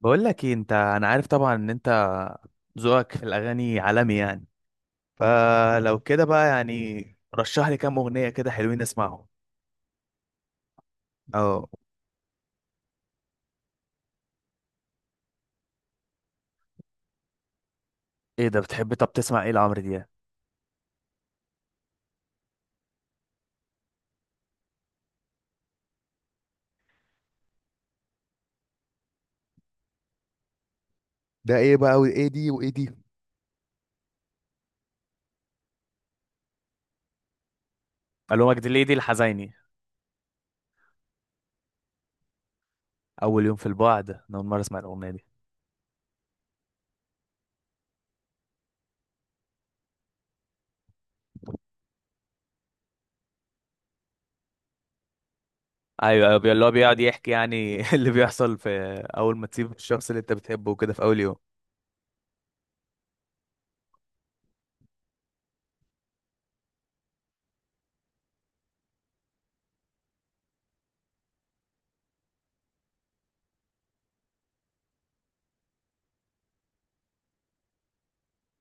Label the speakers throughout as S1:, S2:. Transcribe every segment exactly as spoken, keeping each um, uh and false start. S1: بقول لك ايه. انت انا عارف طبعا ان انت ذوقك في الاغاني عالمي يعني. فلو كده بقى يعني رشح لي كام اغنيه كده حلوين اسمعهم. اه. ايه ده، بتحب؟ طب تسمع ايه لعمرو دياب؟ ده ايه بقى، وايه دي وايه دي؟ الومك دي ليه دي الحزيني؟ اول يوم في البعد انا اول مره اسمع الاغنيه دي. ايوه ايوه بي- اللي هو بيقعد يحكي يعني اللي بيحصل في اول ما تسيب الشخص اللي انت بتحبه وكده في اول يوم.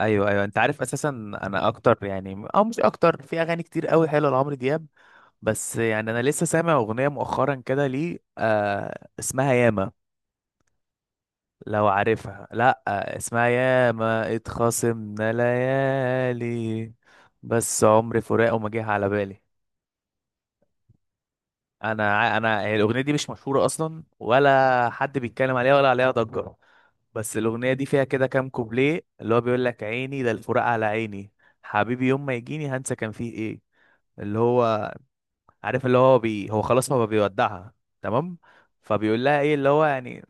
S1: ايوه ايوه انت عارف اساسا انا اكتر يعني او مش اكتر في اغاني كتير قوي حلوه لعمرو دياب. بس يعني انا لسه سامع اغنيه مؤخرا كده ليه آه اسمها ياما. لو عارفها؟ لا آه اسمها ياما اتخاصمنا ليالي بس عمري فراقه ما جه على بالي. انا ع- انا هي الاغنيه دي مش مشهوره اصلا، ولا حد بيتكلم عليها ولا عليها ضجه. بس الاغنيه دي فيها كده كام كوبليه اللي هو بيقول لك عيني ده الفراق على عيني حبيبي يوم ما يجيني هنسى كان فيه ايه. اللي هو عارف اللي هو بي هو خلاص هو بيودعها. تمام. فبيقول لها ايه اللي هو يعني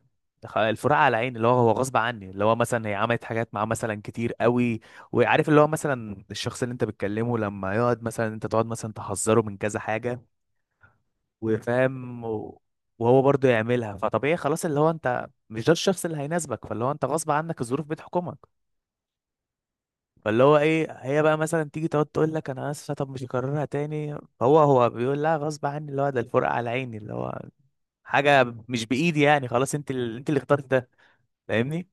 S1: خ- الفراق على عيني اللي هو هو غصب عني. اللي هو مثلا هي عملت حاجات معاه مثلا كتير قوي، وعارف اللي هو مثلا الشخص اللي انت بتكلمه لما يقعد مثلا انت تقعد مثلا تحذره من كذا حاجة وفاهم و- وهو برضه يعملها. فطبيعي خلاص اللي هو انت مش ده الشخص اللي هيناسبك، فاللي هو انت غصب عنك الظروف بتحكمك. فاللي هو ايه هي بقى مثلا تيجي تقعد تقول لك انا اسفه طب مش هكررها تاني. هو هو بيقول لها غصب عني اللي هو ده الفرقه على عيني اللي هو حاجه مش بايدي يعني خلاص انت اللي انت اللي اخترت ده. فاهمني؟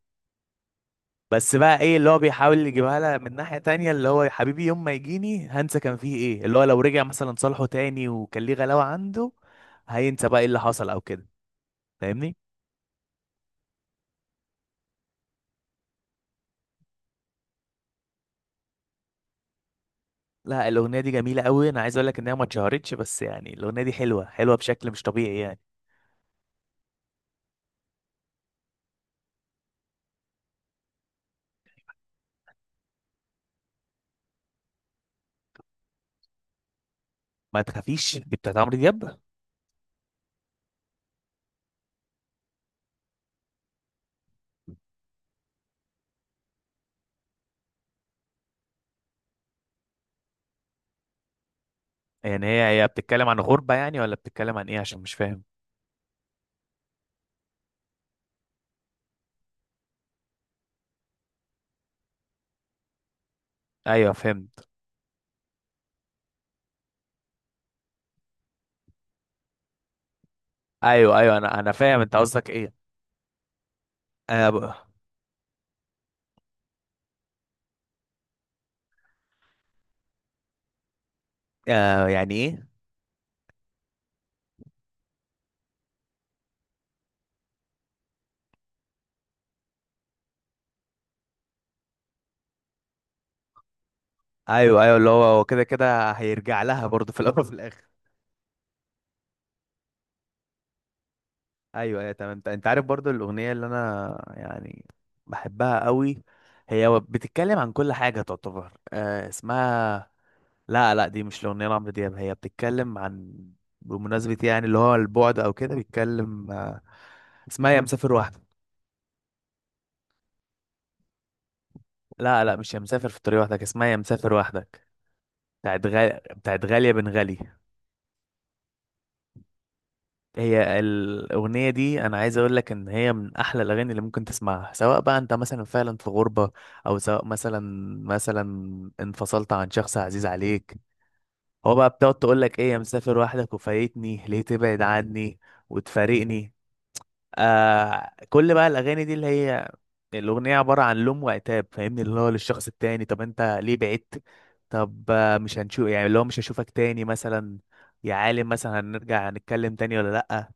S1: بس بقى ايه اللي هو بيحاول يجيبها لها من ناحيه تانية اللي هو يا حبيبي يوم ما يجيني هنسى كان فيه ايه. اللي هو لو رجع مثلا صالحه تاني وكان ليه غلاوه عنده هينسى بقى ايه اللي حصل او كده. فاهمني؟ لا الاغنيه دي جميله قوي، انا عايز اقول لك انها ما اتشهرتش بس يعني الاغنيه دي حلوه حلوه بشكل مش طبيعي يعني. ما تخافيش دي بتاعت عمرو دياب؟ يعني هي هي بتتكلم عن غربة يعني ولا بتتكلم عن ايه؟ عشان مش فاهم. ايوه فهمت. ايوه ايوه، انا انا فاهم انت قصدك ايه. آه ب... آه يعني ايه؟ ايوه ايوه اللي هو هو كده كده هيرجع لها برضه في الاول وفي الاخر. ايوه ايوه تمام. انت أنت عارف برضه الاغنية اللي انا يعني بحبها قوي. هي و- بتتكلم عن كل حاجة تعتبر آه اسمها لا لا دي مش الاغنية لعمرو دياب، هي بتتكلم عن بمناسبة يعني اللي هو البعد او كده بيتكلم آه اسمها يا مسافر وحدك. لا لا مش يا مسافر في الطريق وحدك، اسمها يا مسافر وحدك بتاعت غال... بتاعت غالية بن غالي. هي الأغنية دي أنا عايز أقول لك إن هي من أحلى الأغاني اللي ممكن تسمعها، سواء بقى أنت مثلا فعلا في غربة أو سواء مثلا مثلا انفصلت عن شخص عزيز عليك. هو بقى بتقعد تقول لك إيه يا مسافر وحدك وفايتني ليه تبعد عني وتفارقني. آه كل بقى الاغاني دي اللي هي الاغنيه عباره عن لوم وعتاب، فاهمني اللي هو للشخص التاني طب انت ليه بعدت؟ طب آه، مش هنشوف يعني اللي هو مش هشوفك تاني مثلا يا عالم؟ مثلا هنرجع نتكلم تاني ولا لأ؟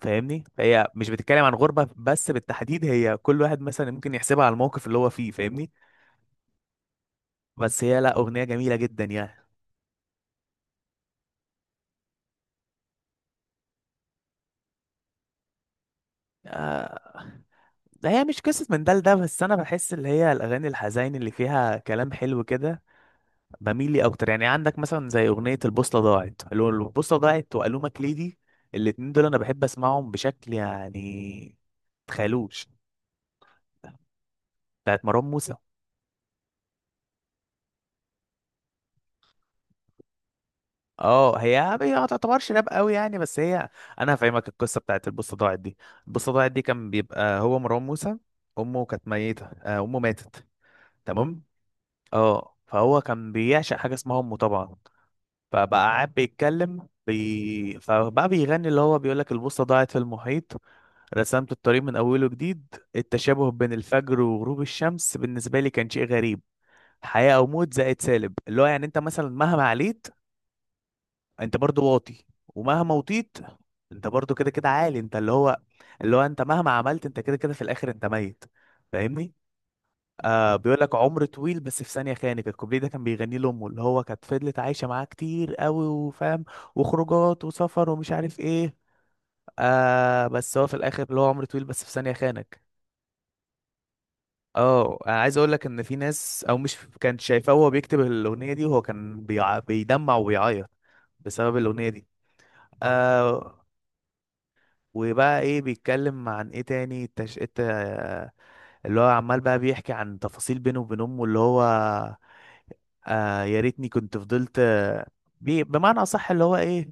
S1: فاهمني؟ فهي مش بتتكلم عن غربه بس بالتحديد، هي كل واحد مثلا ممكن يحسبها على الموقف اللي هو فيه. فاهمني؟ بس هي لا اغنيه جميله جدا يعني. آه. هي مش قصه من ده لده، بس انا بحس اللي هي الاغاني الحزين اللي فيها كلام حلو كده بميل لي اكتر. يعني عندك مثلا زي اغنيه البوصله ضاعت، اللي هو البوصله ضاعت والومك ليدي، الاتنين دول انا بحب اسمعهم بشكل يعني تخيلوش. بتاعت مروان موسى. اه هي هي ما تعتبرش راب قوي يعني بس هي انا هفهمك القصه بتاعت البوصله ضاعت دي. البوصله ضاعت دي كان بيبقى هو مروان موسى امه كانت ميته، آه، امه ماتت. تمام. اه فهو كان بيعشق حاجه اسمها امه طبعا. فبقى قاعد بيتكلم بي... فبقى بيغني اللي هو بيقول لك البوصه ضاعت في المحيط رسمت الطريق من أوله جديد، التشابه بين الفجر وغروب الشمس بالنسبة لي كان شيء غريب، حياة أو موت زائد سالب. اللي هو يعني أنت مثلا مهما عليت أنت برضو واطي، ومهما وطيت أنت برضو كده كده عالي. أنت اللي هو اللي هو أنت مهما عملت أنت كده كده في الآخر أنت ميت. فاهمني؟ آه بيقول لك عمر طويل بس في ثانية خانك. الكوبليه ده كان بيغنيه لأمه اللي هو كانت فضلت عايشة معاه كتير قوي وفاهم، وخروجات وسفر ومش عارف إيه. آه بس هو في الآخر اللي هو عمر طويل بس في ثانية خانك. اه انا عايز اقول لك ان في ناس او مش كانت شايفاه وهو بيكتب الاغنيه دي، وهو كان بيع... بيدمع وبيعيط بسبب الاغنيه دي. آه. وبقى ايه بيتكلم عن ايه تاني التش... الت... اللي هو عمال بقى بيحكي عن تفاصيل بينه وبين امه. اللي هو آه يا ريتني كنت فضلت آه، بي... بمعنى اصح اللي هو ايه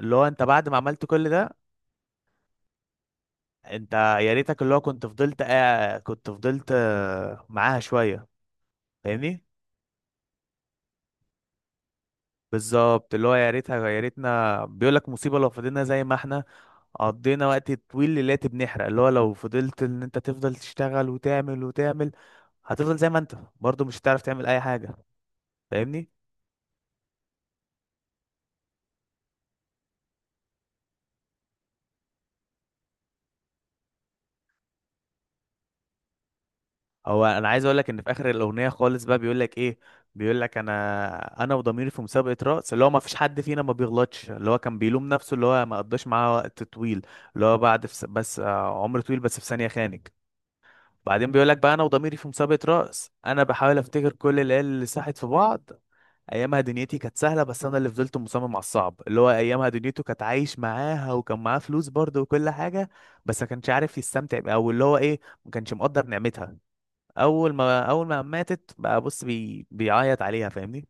S1: اللي هو انت بعد ما عملت كل ده انت يا ريتك اللي هو كنت فضلت آه كنت فضلت آه معاها شويه. فاهمني؟ بالظبط اللي هو يا ريتها يا ريتنا بيقول لك مصيبة لو فضلنا زي ما احنا قضينا وقت طويل ليلات بنحرق. اللي هو لو فضلت ان انت تفضل تشتغل وتعمل وتعمل هتفضل زي ما انت برضه، مش هتعرف تعمل اي حاجة. فاهمني؟ هو انا عايز اقول لك ان في اخر الاغنية خالص بقى بيقول لك ايه. بيقول لك انا انا وضميري في مسابقة رقص اللي هو ما فيش حد فينا ما بيغلطش. اللي هو كان بيلوم نفسه اللي هو ما قضاش معاه وقت طويل. اللي هو بعد في س... بس آه، عمر طويل بس في ثانية خانك. بعدين بيقول لك بقى انا وضميري في مسابقة رقص انا بحاول افتكر كل العيال اللي ساحت في بعض. ايامها دنيتي كانت سهلة بس انا اللي فضلت مصمم على الصعب، اللي هو ايامها دنيته كانت عايش معاها وكان معاه فلوس برضه وكل حاجة، بس ما كانش عارف يستمتع بيها، او اللي هو ايه ما كانش مقدر نعمتها. اول ما اول ما ماتت بقى بص بي... بيعيط عليها. فاهمني؟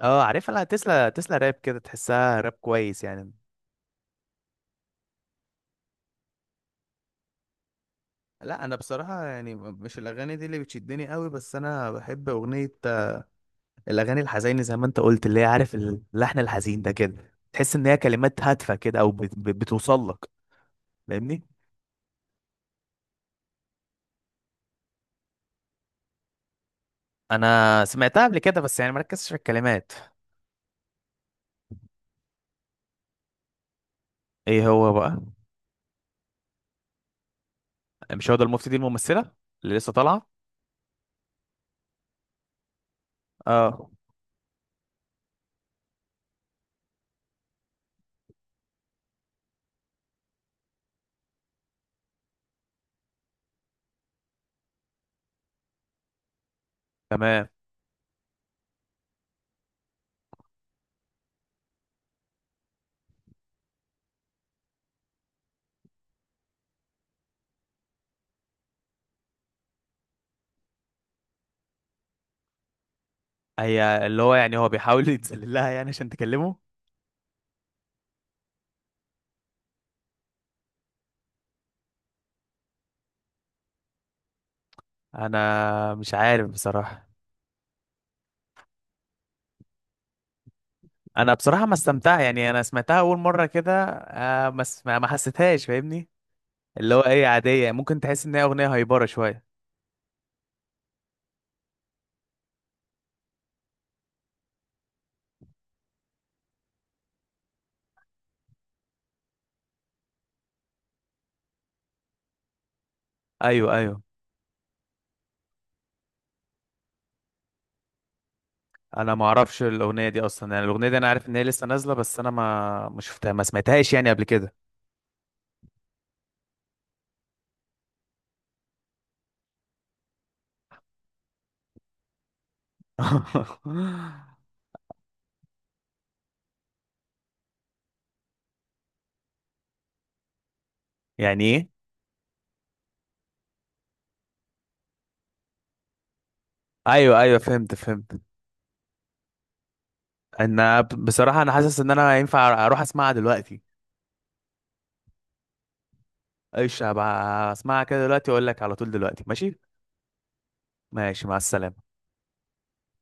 S1: اه عارفها، لا تسلا تسلا راب كده تحسها راب كويس يعني. لا انا بصراحه يعني مش الاغاني دي اللي بتشدني قوي، بس انا بحب اغنيه الاغاني الحزينه زي ما انت قلت اللي هي عارف اللحن الحزين ده كده تحس ان هي كلمات هادفه كده او بت- بت- بتوصل لك. فاهمني؟ انا سمعتها قبل كده بس يعني مركزتش في الكلمات. ايه هو بقى؟ مش هو ده المفتي دي الممثله اللي لسه طالعه؟ اه تمام. هي اللي هو يعني هو بيحاول يتذلل لها يعني عشان تكلمه. انا مش عارف بصراحه. انا بصراحه ما استمتع يعني، انا سمعتها اول مره كده آه ما ما ما حسيتهاش. فاهمني؟ اللي هو ايه عاديه، ممكن تحس ان هي اغنيه هايبره شويه. ايوه ايوه. انا ما اعرفش الاغنيه دي اصلا، يعني الاغنيه دي انا عارف ان هي لسه نازله بس انا ما ما شفتها ما سمعتهاش يعني قبل كده. يعني ايه؟ ايوه ايوه فهمت فهمت انا ب- بصراحه انا حاسس ان انا ينفع اروح اسمعها دلوقتي. ايش هبقى اسمعها كده دلوقتي واقول لك على طول دلوقتي، ماشي؟ ماشي مع السلامه.